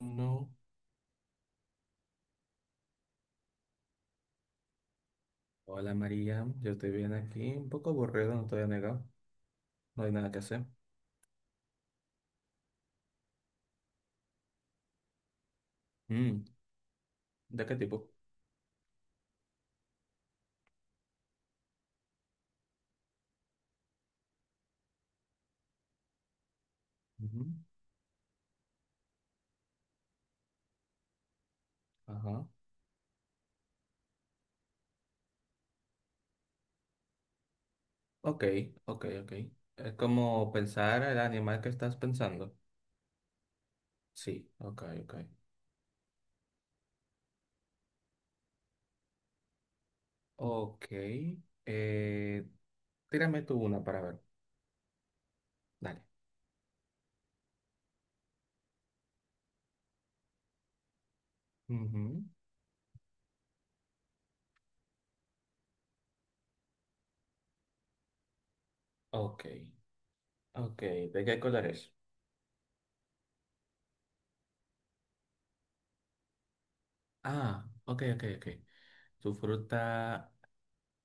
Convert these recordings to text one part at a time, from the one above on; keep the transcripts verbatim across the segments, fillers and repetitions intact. No. Hola María, yo estoy bien aquí, un poco aburrido, no te voy a negar, no hay nada que hacer. Mm, ¿De qué tipo? Ujú. Ajá. Ok, ok, ok. Es como pensar el animal que estás pensando. Sí, ok, ok. Ok, eh, tírame tú una para ver. Dale. Ujú. Ok, ok. ¿De qué color es? Ah, ok, ok, ok. Tu fruta,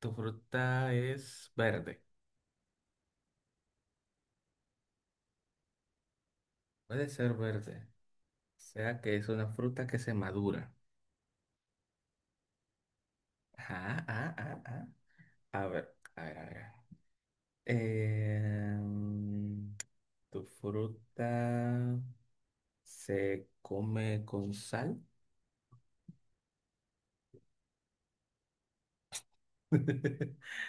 tu fruta es verde. Puede ser verde. Sea que es una fruta que se madura. Ah, ah, ah, ah. A ver, a ver, a ver. Em, ¿Tu fruta se come con sal?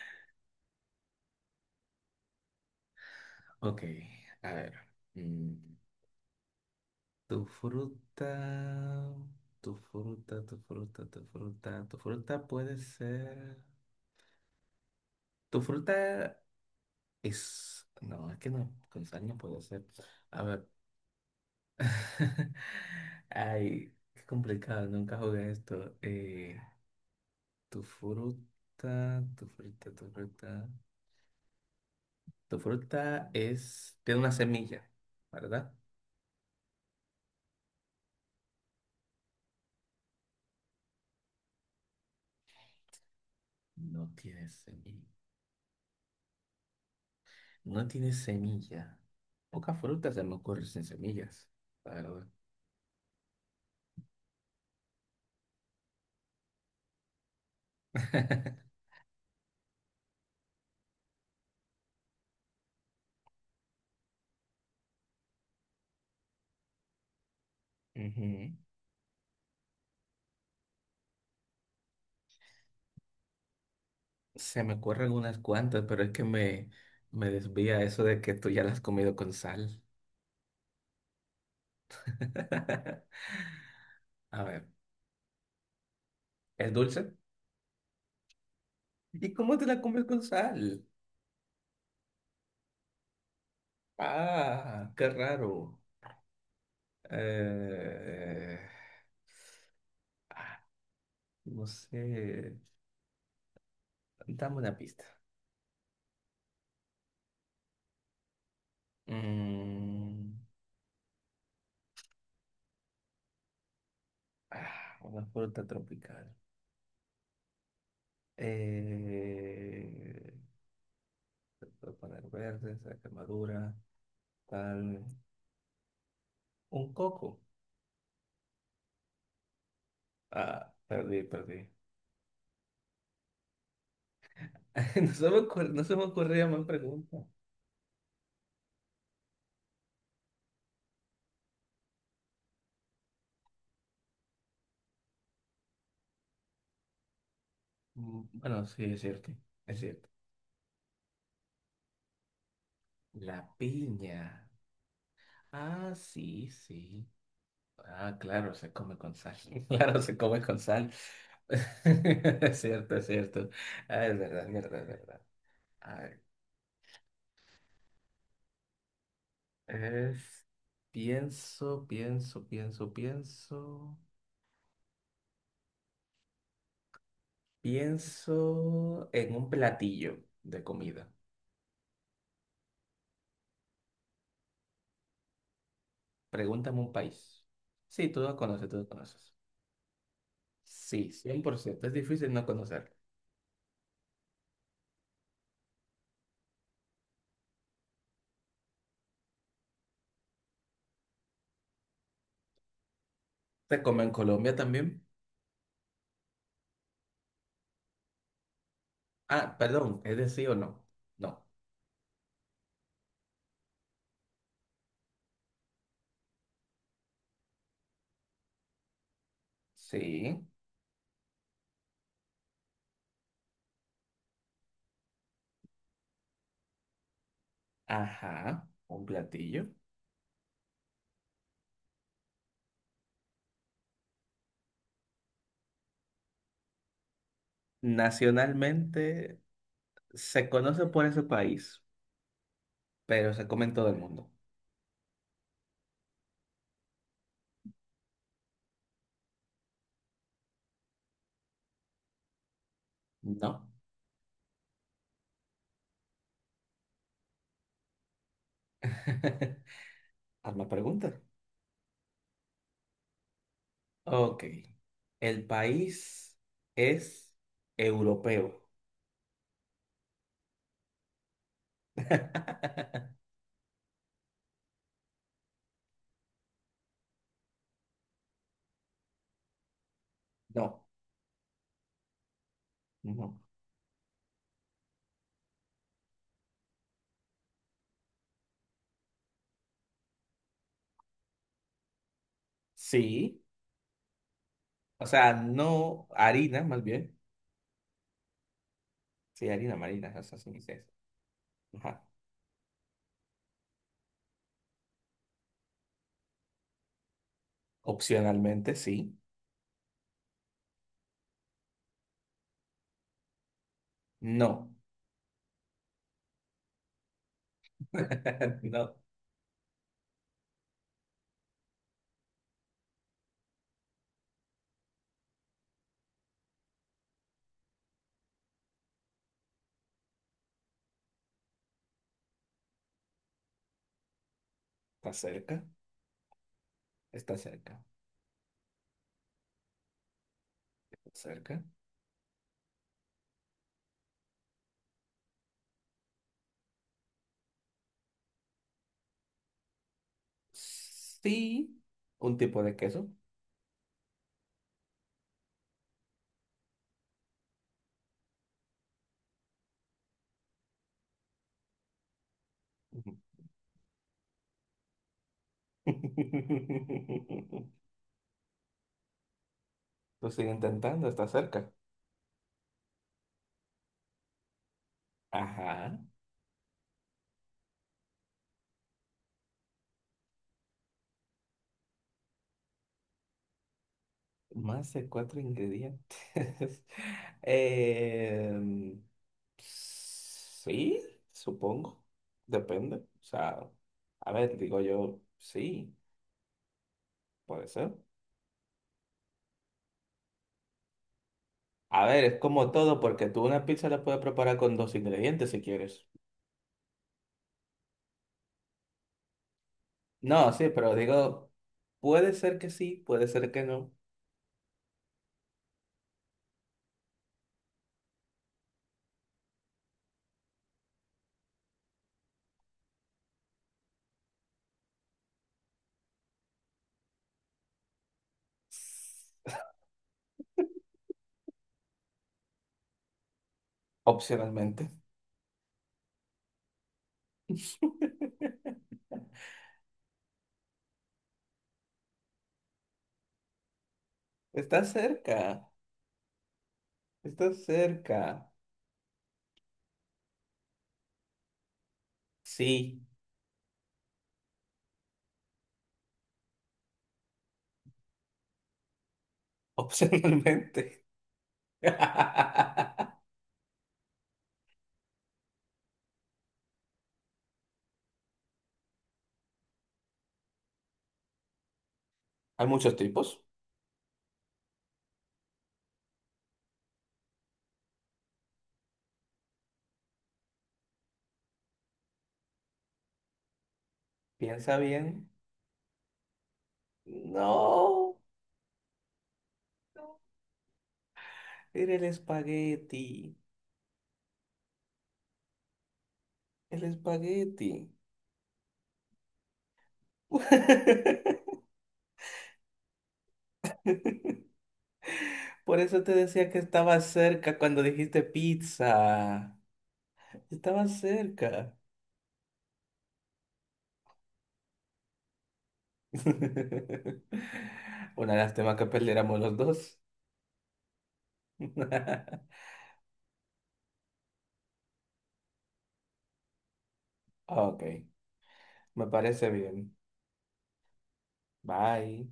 Ok, a ver. mm, ¿Tu fruta, tu fruta, tu fruta, tu fruta, tu fruta puede ser. Tu fruta es. No, es que no, con sal no puede ser. A ver. Ay, qué complicado, nunca jugué esto. Eh, tu fruta, tu fruta, tu fruta. Tu fruta es, tiene una semilla, ¿verdad? No tiene semilla. No tiene semilla. Poca fruta se me ocurre sin semillas, la verdad. Ujú. Se me ocurren unas cuantas, pero es que me, me desvía eso de que tú ya las has comido con sal. A ver, ¿es dulce? ¿Y cómo te la comes con sal? Ah, qué raro. Eh, ah, no sé. Dame una pista. Mm, ah, una fruta tropical. Eh, se puede poner verde, se quemadura, tal. Un coco. Ah, perdí, perdí. No se me ocurre- no se me ocurría más pregunta. Mm, Bueno, sí, es cierto. Es cierto. La piña. Ah, sí, sí. Ah, claro, se come con sal. Claro, se come con sal. Es cierto, es cierto. Ah, es verdad, es verdad, es verdad. A ver, es. Pienso, pienso, pienso, pienso. Pienso en un platillo de comida. Pregúntame un país. Sí, tú lo conoces, tú lo conoces. Sí, cien por ciento. Es difícil no conocer. ¿Se come en Colombia también? Ah, perdón, ¿es de sí o no? No. Sí. Ajá, un platillo. Nacionalmente se conoce por ese país, pero se come en todo el mundo. No. Hazme pregunta. Ok. ¿El país es europeo? No, no. Sí. O sea, no harina, más bien. Sí, harina marina, o sea, sí, sí, sí. Ajá. Opcionalmente, sí. No. No. Está cerca. Está cerca. Está cerca. Sí. Un tipo de queso. Lo sigo intentando, está cerca. Ajá. Más de cuatro ingredientes. Em, sí, supongo. Depende. O sea, a ver, digo yo, sí, puede ser. A ver, es como todo, porque tú una pizza la puedes preparar con dos ingredientes si quieres. No, sí, pero digo, puede ser que sí, puede ser que no. Opcionalmente. Está cerca. Estás cerca. Sí, opcionalmente. Hay muchos tipos. Piensa bien. No, era el espagueti. El espagueti. Por eso te decía que estaba cerca cuando dijiste pizza. Estaba cerca. Una lástima que perdiéramos los dos. Ok, me parece bien. Bye.